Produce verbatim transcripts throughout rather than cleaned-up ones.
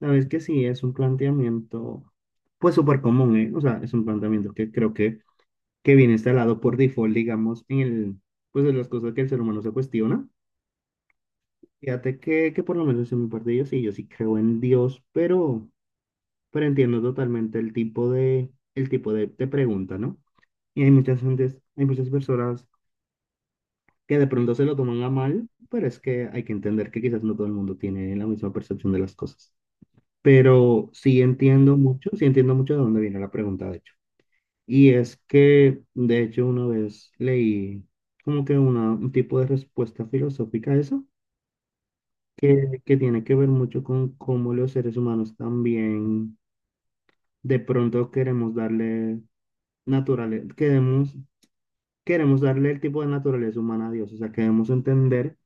La verdad es que sí, es un planteamiento, pues súper común, ¿eh? O sea, es un planteamiento que creo que, que viene instalado por default, digamos, en el, pues en las cosas que el ser humano se cuestiona. Fíjate que, que por lo menos en mi parte yo sí, yo sí creo en Dios, pero, pero entiendo totalmente el tipo de, el tipo de, de pregunta, ¿no? Y hay muchas gentes, hay muchas personas que de pronto se lo toman a mal, pero es que hay que entender que quizás no todo el mundo tiene la misma percepción de las cosas. Pero sí entiendo mucho, sí entiendo mucho de dónde viene la pregunta, de hecho. Y es que, de hecho, una vez leí como que una- un tipo de respuesta filosófica a eso, que, que tiene que ver mucho con cómo los seres humanos también de pronto queremos darle naturaleza, queremos, queremos darle el tipo de naturaleza humana a Dios, o sea, queremos entender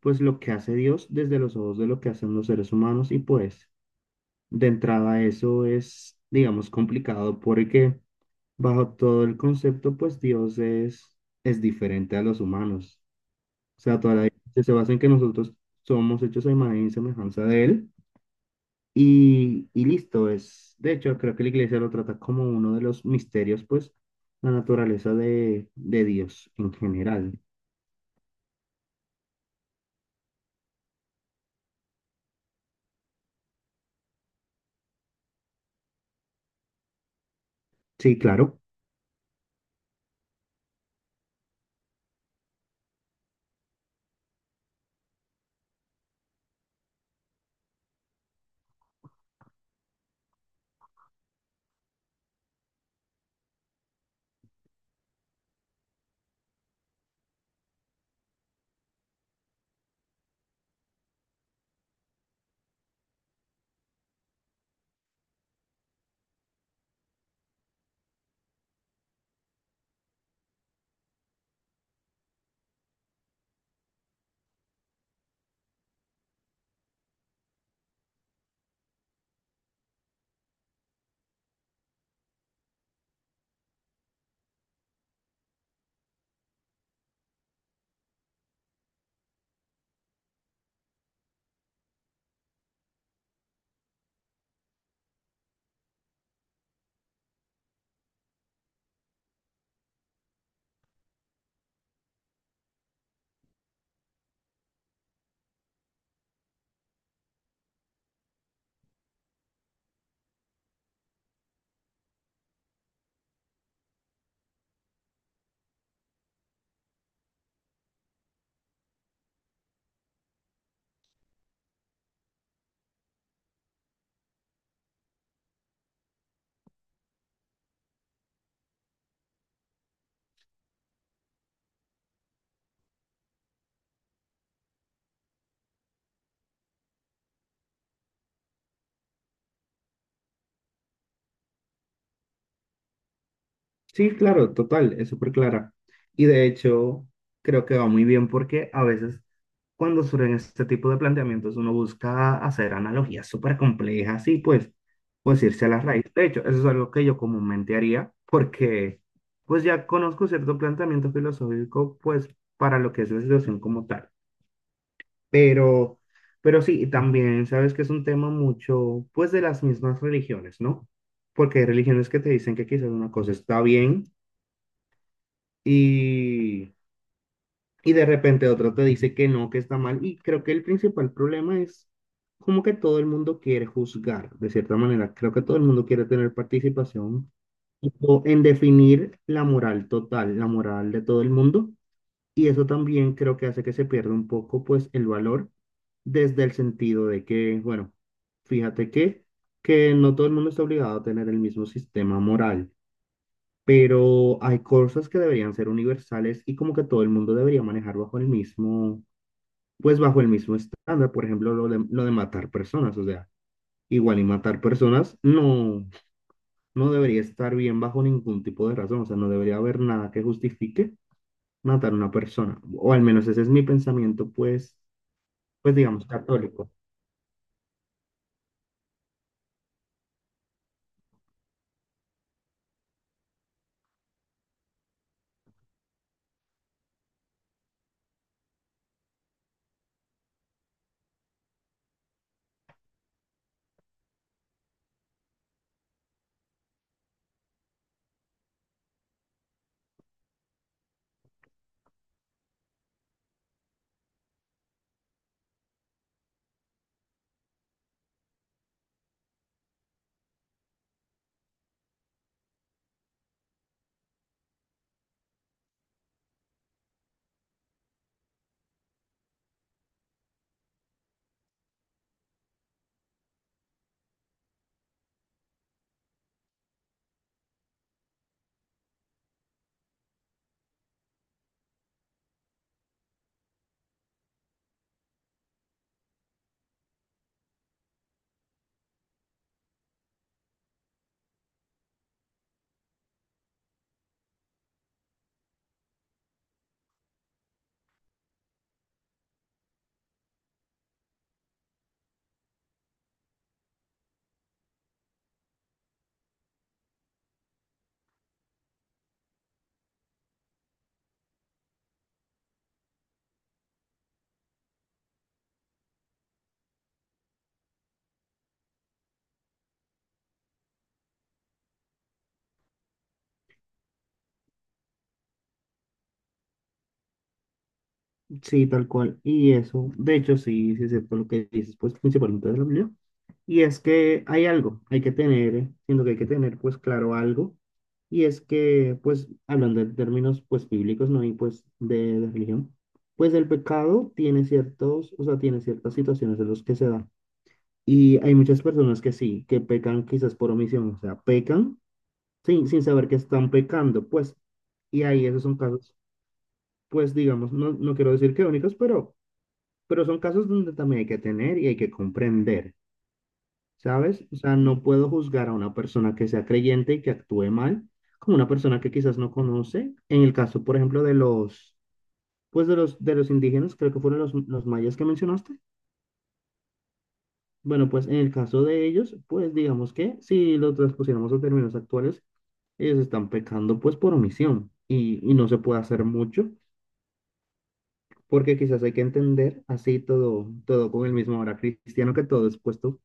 pues lo que hace Dios desde los ojos de lo que hacen los seres humanos y pues de entrada eso es, digamos, complicado porque bajo todo el concepto, pues Dios es, es diferente a los humanos. O sea, toda la diferencia se basa en que nosotros somos hechos a imagen y semejanza de Él. Y, y listo, es. De hecho, creo que la iglesia lo trata como uno de los misterios, pues, la naturaleza de, de Dios en general. Sí, claro. Sí, claro, total, es súper clara. Y de hecho, creo que va muy bien porque a veces cuando surgen este tipo de planteamientos uno busca hacer analogías súper complejas y pues, pues irse a la raíz. De hecho, eso es algo que yo comúnmente haría porque pues ya conozco cierto planteamiento filosófico pues para lo que es la situación como tal. Pero, pero sí, y también sabes que es un tema mucho pues de las mismas religiones, ¿no? Porque hay religiones que te dicen que quizás una cosa está bien y, y de repente otro te dice que no, que está mal. Y creo que el principal problema es como que todo el mundo quiere juzgar, de cierta manera. Creo que todo el mundo quiere tener participación tipo, en definir la moral total, la moral de todo el mundo. Y eso también creo que hace que se pierda un poco pues el valor desde el sentido de que, bueno, fíjate que, que no todo el mundo está obligado a tener el mismo sistema moral, pero hay cosas que deberían ser universales y como que todo el mundo debería manejar bajo el mismo, pues bajo el mismo estándar, por ejemplo, lo de, lo de matar personas, o sea, igual y matar personas no, no debería estar bien bajo ningún tipo de razón, o sea, no debería haber nada que justifique matar a una persona, o al menos ese es mi pensamiento, pues, pues digamos, católico. Sí, tal cual. Y eso, de hecho, sí, sí es cierto lo que dices, pues principalmente de la Biblia. Y es que hay algo, hay que tener, eh, siento que hay que tener, pues claro, algo. Y es que, pues, hablando de términos, pues, bíblicos, ¿no? Y pues de, de religión, pues el pecado tiene ciertos, o sea, tiene ciertas situaciones en las que se da. Y hay muchas personas que sí, que pecan quizás por omisión, o sea, pecan sin, sin saber que están pecando, pues. Y ahí esos son casos, pues, digamos, no, no quiero decir que únicos, pero pero son casos donde también hay que tener y hay que comprender, ¿sabes? O sea, no puedo juzgar a una persona que sea creyente y que actúe mal como una persona que quizás no conoce. En el caso, por ejemplo, de los, pues de los, de los indígenas, creo que fueron los, los mayas que mencionaste. Bueno, pues en el caso de ellos, pues digamos que si lo transpusiéramos a términos actuales, ellos están pecando pues por omisión y, y no se puede hacer mucho porque quizás hay que entender así todo, todo con el mismo ahora cristiano que todo es puesto.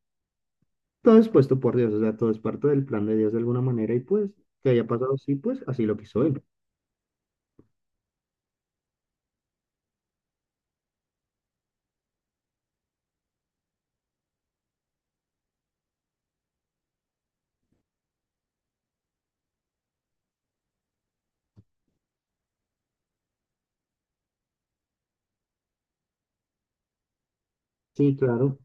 Todo es puesto por Dios, o sea, todo es parte del plan de Dios de alguna manera y pues que haya pasado así, pues así lo quiso él. Sí, claro.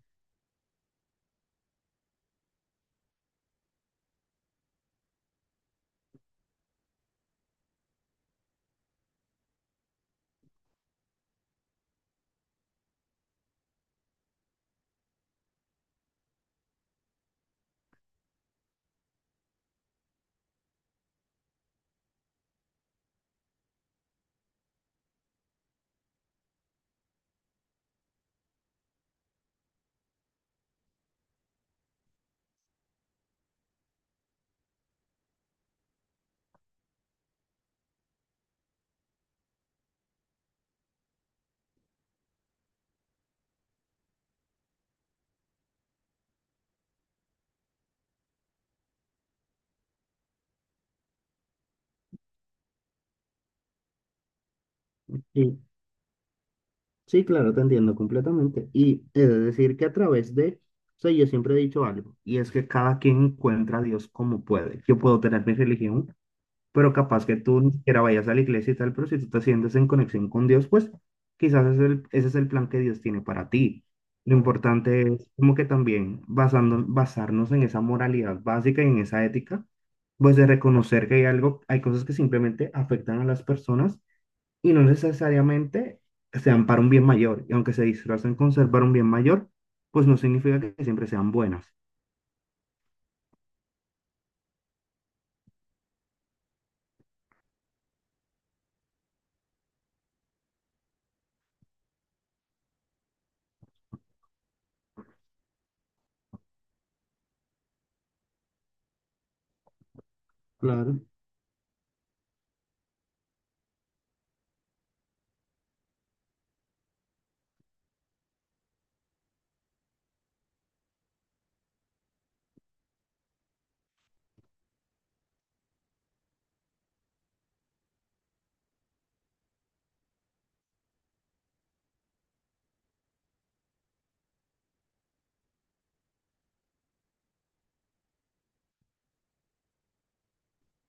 Y sí, claro, te entiendo completamente. Y es decir que a través de, o sea, yo siempre he dicho algo, y es que cada quien encuentra a Dios como puede. Yo puedo tener mi religión, pero capaz que tú ni siquiera vayas a la iglesia y tal, pero si tú te sientes en conexión con Dios, pues quizás ese es el, ese es el plan que Dios tiene para ti. Lo importante es como que también basando, basarnos en esa moralidad básica y en esa ética, pues de reconocer que hay algo, hay cosas que simplemente afectan a las personas y no necesariamente sean para un bien mayor. Y aunque se disfracen con ser para un bien mayor, pues no significa que siempre sean buenas. Claro,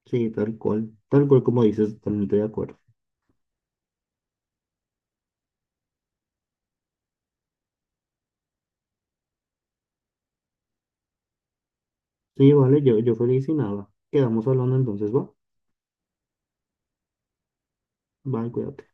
sí, tal cual, tal cual como dices, totalmente de acuerdo. Sí, vale, yo, yo feliz y nada. Quedamos hablando entonces, va. Bye, cuídate.